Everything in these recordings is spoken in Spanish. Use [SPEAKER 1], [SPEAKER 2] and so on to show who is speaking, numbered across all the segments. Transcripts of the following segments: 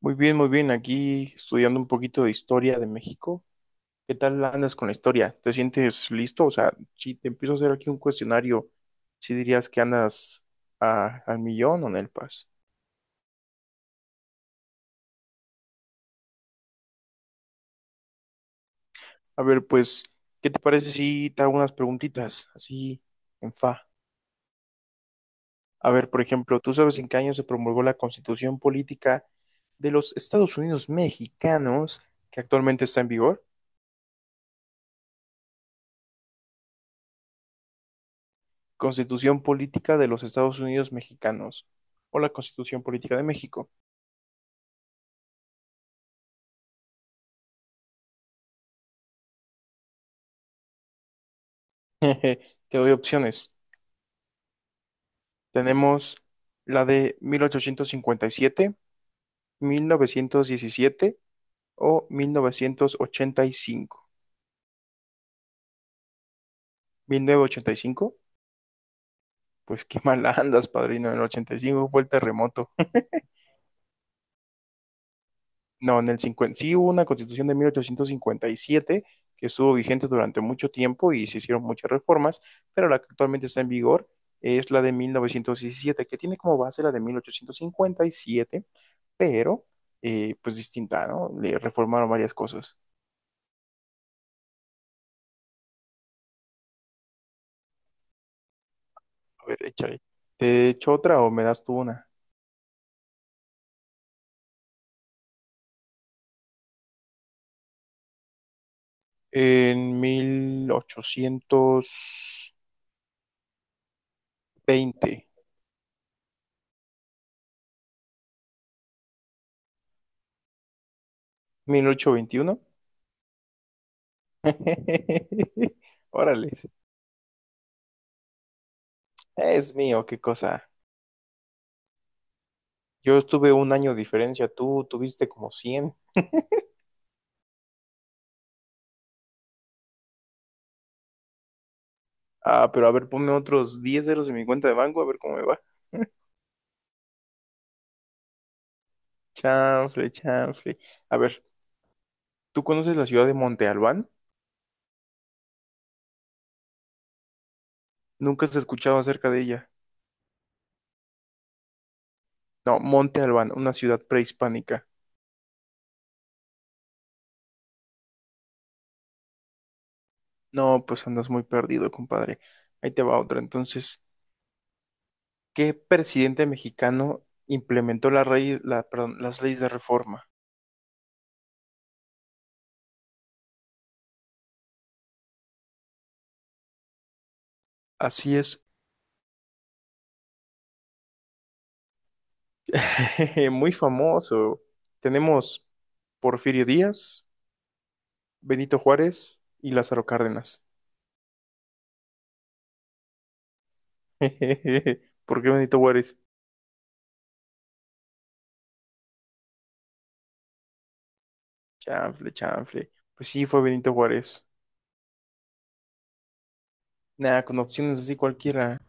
[SPEAKER 1] Muy bien, muy bien. Aquí estudiando un poquito de historia de México. ¿Qué tal andas con la historia? ¿Te sientes listo? O sea, si te empiezo a hacer aquí un cuestionario, si dirías que andas al millón o en el pas? A ver, pues, ¿qué te parece si te hago unas preguntitas así en fa? A ver, por ejemplo, ¿tú sabes en qué año se promulgó la Constitución Política de los Estados Unidos Mexicanos que actualmente está en vigor? Constitución Política de los Estados Unidos Mexicanos o la Constitución Política de México. Te doy opciones. Tenemos la de 1857, 1917 o 1985. ¿1985? Pues qué mal andas, padrino. El 85 fue el terremoto. No, en el 50, sí hubo una constitución de 1857 que estuvo vigente durante mucho tiempo y se hicieron muchas reformas, pero la que actualmente está en vigor es la de 1917 que tiene como base la de 1857, pero pues distinta, ¿no? Le reformaron varias cosas. A ver, échale. ¿Te echo otra o me das tú una? En mil ochocientos veinte, 1821. Órale, es mío, qué cosa. Yo estuve un año de diferencia, tú tuviste como 100. Ah, pero a ver, ponme otros 10 ceros en mi cuenta de banco, a ver cómo me va. Chanfle, chanfle. A ver, ¿tú conoces la ciudad de Monte Albán? Nunca has escuchado acerca de ella. No, Monte Albán, una ciudad prehispánica. No, pues andas muy perdido, compadre. Ahí te va otra. Entonces, ¿qué presidente mexicano implementó perdón, las leyes de reforma? Así es. Muy famoso. Tenemos Porfirio Díaz, Benito Juárez y Lázaro Cárdenas. ¿Por qué Benito Juárez? Chanfle, chanfle. Pues sí, fue Benito Juárez. Nada, con opciones así cualquiera.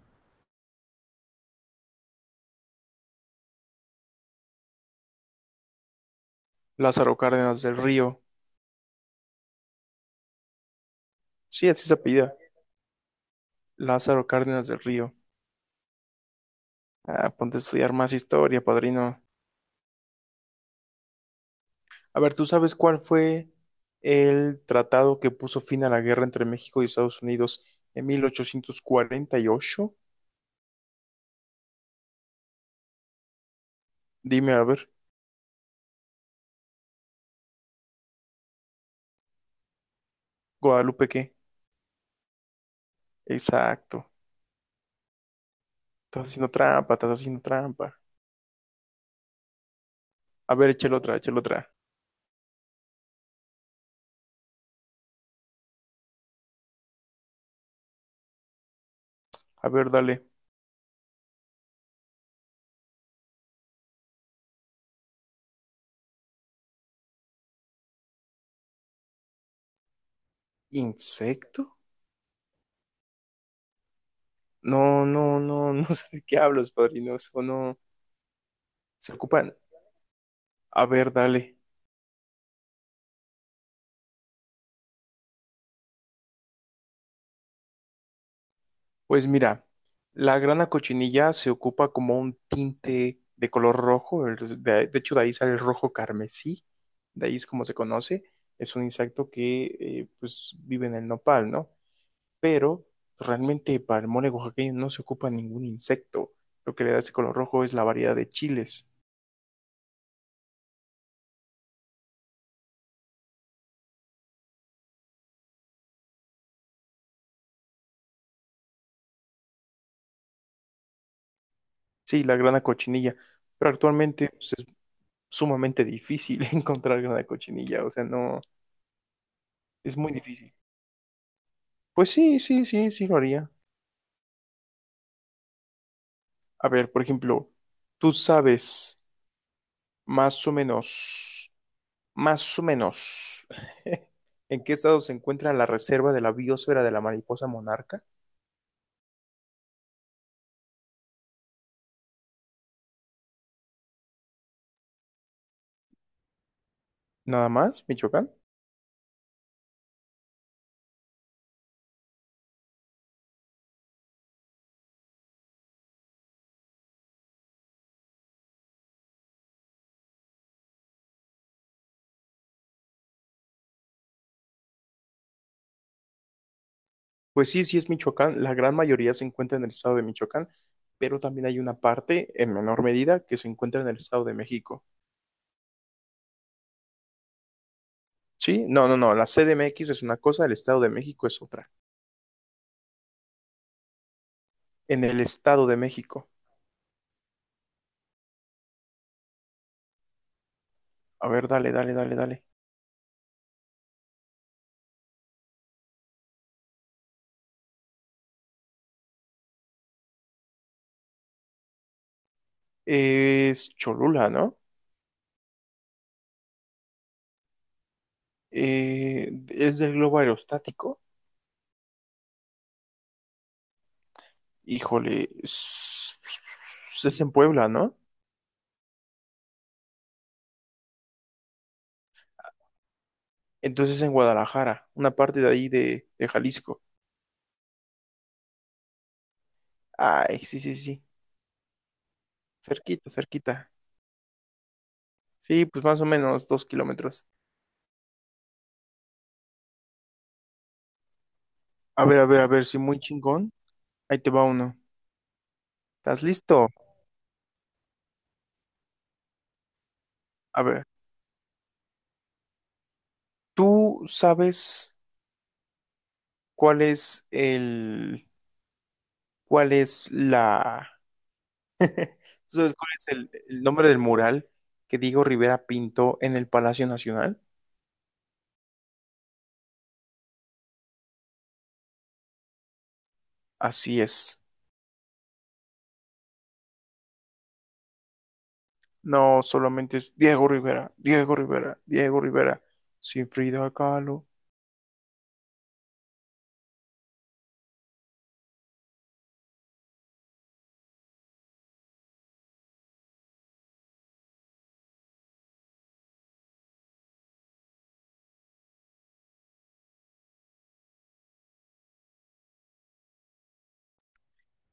[SPEAKER 1] Lázaro Cárdenas del Río. Sí, así se apellida. Lázaro Cárdenas del Río. Ah, ponte a estudiar más historia, padrino. A ver, ¿tú sabes cuál fue el tratado que puso fin a la guerra entre México y Estados Unidos en 1848? Dime, a ver, Guadalupe, ¿qué? Exacto. Estás haciendo trampa, estás haciendo trampa. A ver, échale otra, échale otra. A ver, dale. ¿Insecto? No, no, no, no sé de qué hablas, padrino. Eso no. Se ocupan. A ver, dale. Pues mira, la grana cochinilla se ocupa como un tinte de color rojo. El- de hecho, de ahí sale el rojo carmesí. De ahí es como se conoce. Es un insecto que pues vive en el nopal, ¿no? Pero pues, realmente para el mole oaxaqueño no se ocupa ningún insecto. Lo que le da ese color rojo es la variedad de chiles. Sí, la grana cochinilla, pero actualmente pues, es sumamente difícil encontrar grana cochinilla, o sea, no, es muy difícil. Pues sí, sí, sí, sí lo haría. A ver, por ejemplo, tú sabes más o menos, más o menos, en qué estado se encuentra la reserva de la biosfera de la mariposa monarca, nada más, Michoacán. Pues sí, sí es Michoacán, la gran mayoría se encuentra en el estado de Michoacán, pero también hay una parte, en menor medida, que se encuentra en el estado de México. Sí, no, no, no. La CDMX es una cosa, el Estado de México es otra. En el Estado de México. A ver, dale, dale, dale, dale. Es Cholula, ¿no? Es del globo aerostático. Híjole, es en Puebla, ¿no? Entonces en Guadalajara, una parte de ahí de Jalisco. Ay, sí, sí, sí. Cerquita, cerquita. Sí, pues más o menos 2 kilómetros. A ver, a ver, a ver, sí, muy chingón. Ahí te va uno. ¿Estás listo? A ver, ¿tú sabes? Cuál es el, cuál es la, ¿tú sabes cuál es el nombre del mural que Diego Rivera pintó en el Palacio Nacional? Así es. No, solamente es Diego Rivera, Diego Rivera, Diego Rivera, sin Frida Kahlo,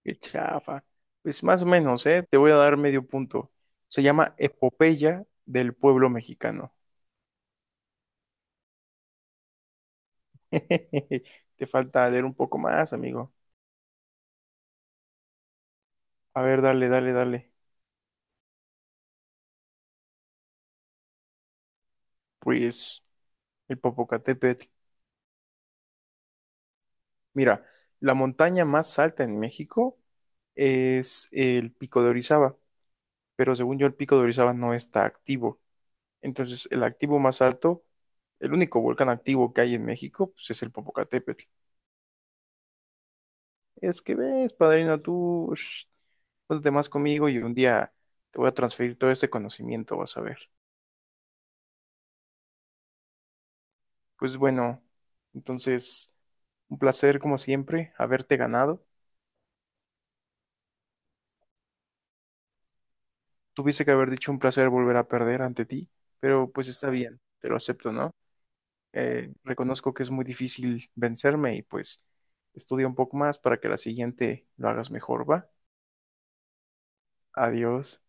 [SPEAKER 1] qué chafa. Pues más o menos, ¿eh? Te voy a dar medio punto. Se llama Epopeya del pueblo mexicano. Te falta leer un poco más, amigo. A ver, dale, dale, dale. Pues el Popocatépetl. Mira, la montaña más alta en México es el Pico de Orizaba, pero según yo el Pico de Orizaba no está activo. Entonces, el activo más alto, el único volcán activo que hay en México, pues es el Popocatépetl. Es que ves, padrino, tú, shh, ponte más conmigo y un día te voy a transferir todo este conocimiento, vas a ver. Pues bueno, entonces, un placer como siempre haberte ganado. Tuviste que haber dicho un placer volver a perder ante ti, pero pues está bien, te lo acepto, ¿no? Reconozco que es muy difícil vencerme y pues estudia un poco más para que la siguiente lo hagas mejor, ¿va? Adiós.